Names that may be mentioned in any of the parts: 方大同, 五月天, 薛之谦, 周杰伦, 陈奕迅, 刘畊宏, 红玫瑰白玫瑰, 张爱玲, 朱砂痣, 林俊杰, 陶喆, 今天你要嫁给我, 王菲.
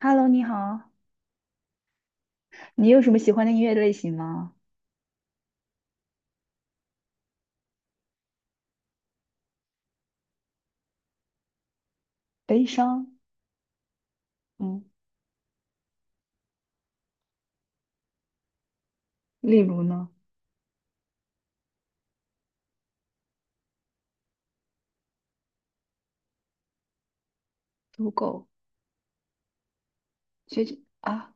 Hello，你好，你有什么喜欢的音乐类型吗？悲伤，嗯，例如呢，足够，学姐啊，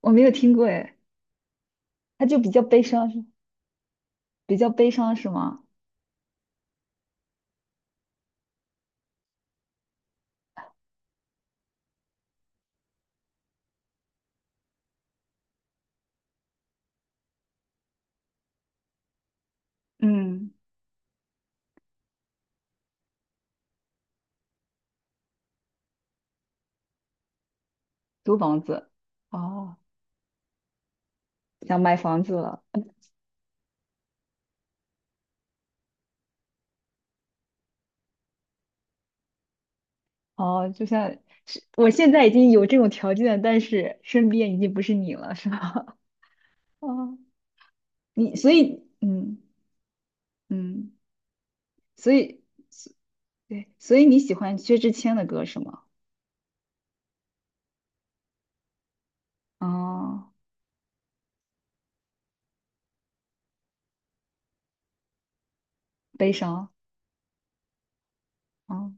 我没有听过哎。它就比较悲伤是吗？嗯，租房子，哦，想买房子了。哦，就像是我现在已经有这种条件，但是身边已经不是你了，是吧？哦，你所以嗯嗯，所以所对，所以你喜欢薛之谦的歌是吗？哦，悲伤，哦。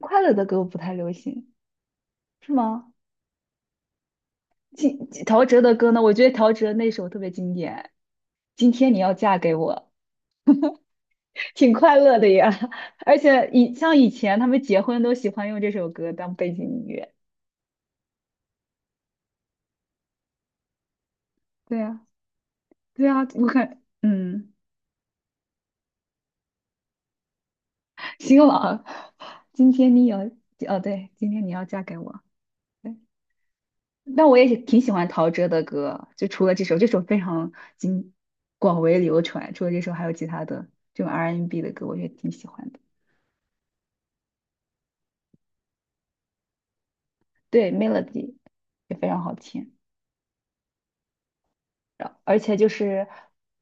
快乐的歌不太流行，是吗？今陶喆的歌呢？我觉得陶喆那首特别经典，《今天你要嫁给我》，挺快乐的呀。而且像以前他们结婚都喜欢用这首歌当背景音乐。对呀，对呀，我看，新郎，今天你要哦，对，今天你要嫁给我。对，但我也是挺喜欢陶喆的歌，就除了这首，这首非常经广为流传。除了这首，还有其他的这种 R&B N 的歌，我也挺喜欢的。对，Melody 也非常好听，然后而且就是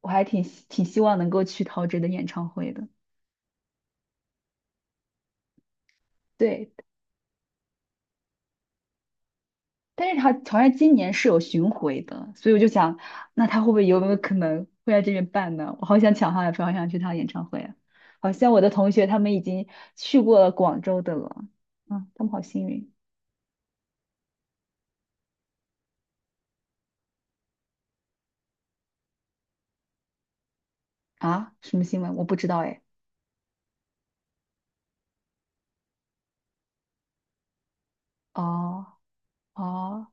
我还挺希望能够去陶喆的演唱会的。对，但是他好像今年是有巡回的，所以我就想，那他会不会有没有可能会在这边办呢？我好想抢他的票，好想去他的演唱会啊！好像我的同学他们已经去过了广州的了，他们好幸运。啊！什么新闻？我不知道哎。哦哦，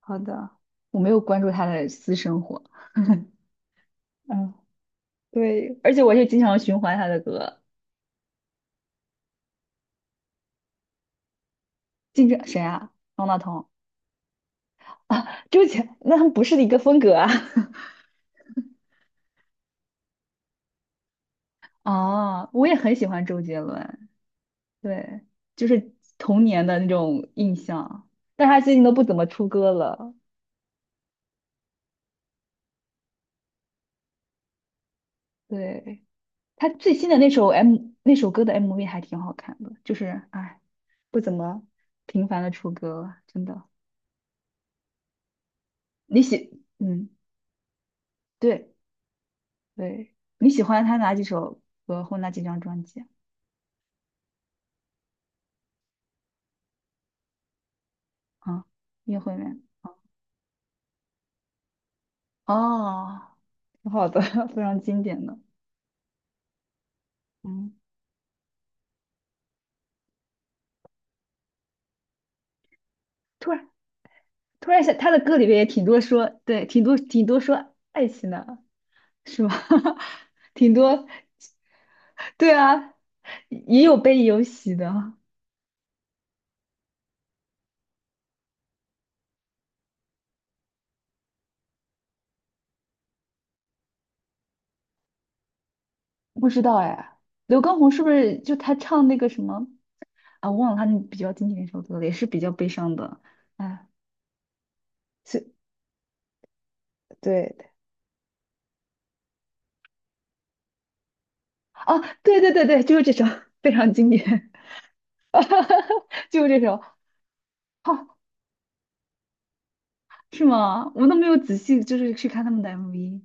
好的，我没有关注他的私生活。嗯，对，而且我也经常循环他的歌。经常谁啊？方大同啊，那他们不是一个风格啊。哦，我也很喜欢周杰伦，对，就是童年的那种印象，但是他最近都不怎么出歌了。对，他最新的那首歌的 MV 还挺好看的，就是哎，不怎么频繁的出歌了，真的。你喜，嗯，对对，你喜欢他哪几首歌或哪几张专辑啊？啊，音乐会面。哦，挺好的，非常经典的。嗯，突然突然想，他的歌里面也挺多说，对，挺多说爱情的，是吧？挺多，对啊，也有悲也有喜的。不知道哎，刘畊宏是不是就他唱那个什么？啊，我忘了他那比较经典的一首歌了，也是比较悲伤的。哎，是，对对，哦，对对对对，就是这首，非常经典，就是这首。好，是吗？我都没有仔细就是去看他们的 MV。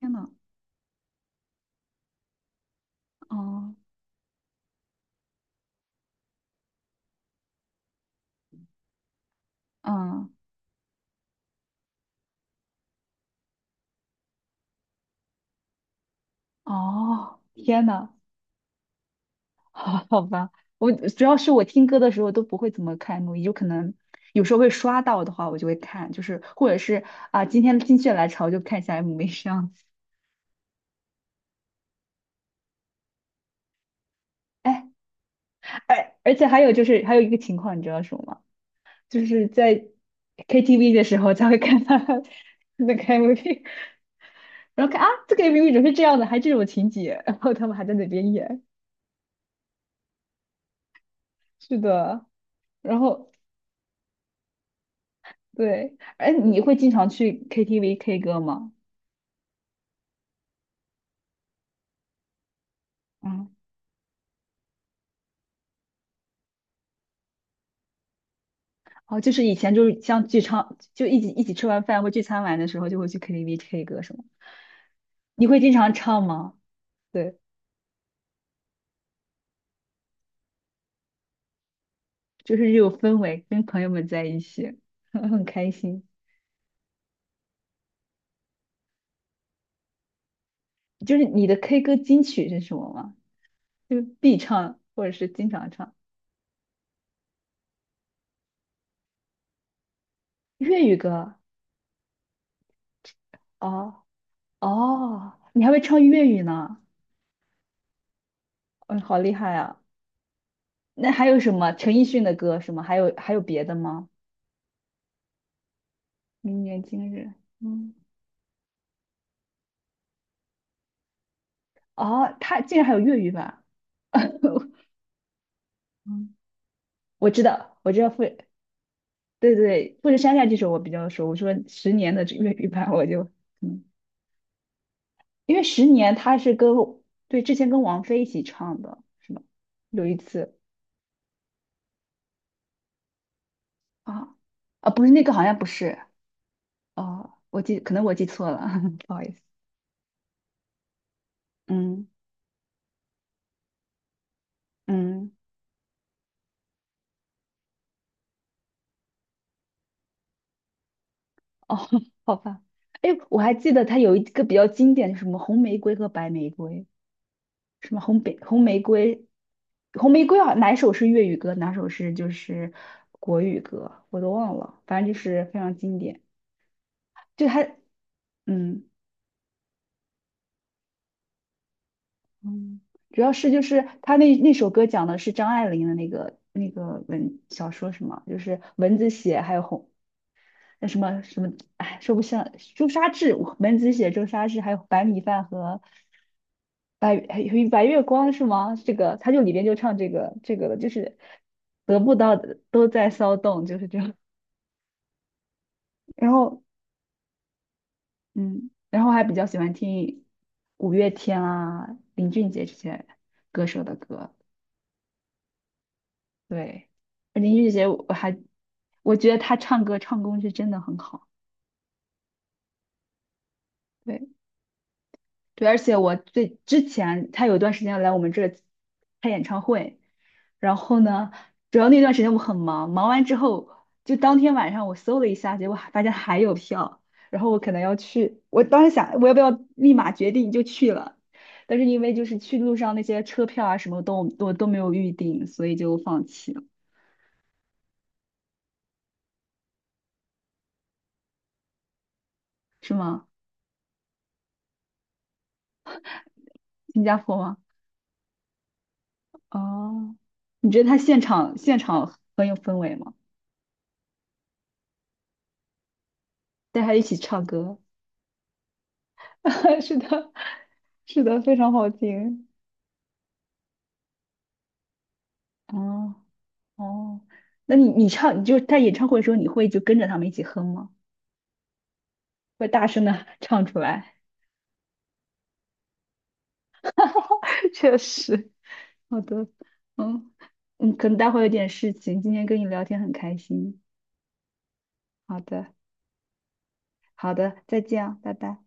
天呐，哦，嗯，哦，天呐，好好吧，我主要是我听歌的时候都不会怎么看 MV，就可能有时候会刷到的话，我就会看，就是或者是啊、今天心血来潮就看一下 MV 这样子。哎，而且还有就是还有一个情况，你知道什么吗？就是在 KTV 的时候才会看到 那个 MV，然后看啊，这个 MV 怎么是这样的，还这种情节，然后他们还在那边演，是的，然后对，哎，你会经常去 KTV K 歌吗？嗯，哦，就是以前就是像聚餐，就一起吃完饭或聚餐完的时候，就会去 KTV K 歌什么，你会经常唱吗？对，就是有氛围，跟朋友们在一起，很开心。就是你的 K 歌金曲是什么吗？就必唱或者是经常唱粤语歌。哦哦，你还会唱粤语呢？嗯，好厉害啊！那还有什么陈奕迅的歌什么？还有别的吗？明年今日，嗯，哦，他竟然还有粤语版。嗯，我知道，我知道富，对对，富士山下这首我比较熟。我说十年的这粤语版，我就嗯，因为十年他是对，之前跟王菲一起唱的，是吧？有一次啊，不是那个好像不是，哦，可能我记错了，不好意思。嗯嗯，哦，好吧。哎，我还记得它有一个比较经典的，什么红玫瑰和白玫瑰，什么红玫瑰，红玫瑰啊，哪首是粤语歌，哪首是国语歌，我都忘了，反正就是非常经典。就它，嗯嗯，主要是就是他那首歌讲的是张爱玲的那个小说，什么，就是文字写还有红那什么什么，哎，说不上朱砂痣，我门子写朱砂痣，还有白米饭和还有白月光是吗？这个他就里边就唱这个了，就是得不到的都在骚动，就是这样。然后嗯，然后还比较喜欢听五月天啊、林俊杰这些歌手的歌。对，林俊杰我觉得他唱歌唱功是真的很好。对。对，而且我之前他有一段时间来我们这儿开演唱会，然后呢，主要那段时间我很忙，忙完之后就当天晚上我搜了一下，结果还发现还有票，然后我可能要去，我当时想我要不要立马决定就去了，但是因为就是去路上那些车票啊什么都没有预定，所以就放弃了。是吗？新加坡吗？哦，你觉得他现场很有氛围吗？带他一起唱歌。是的，是的，非常好听。哦哦，那你唱，你就他在演唱会的时候，你会就跟着他们一起哼吗？会大声的 唱出来？确实，好的，嗯可能待会有点事情，今天跟你聊天很开心。好的，好的，再见啊，拜拜。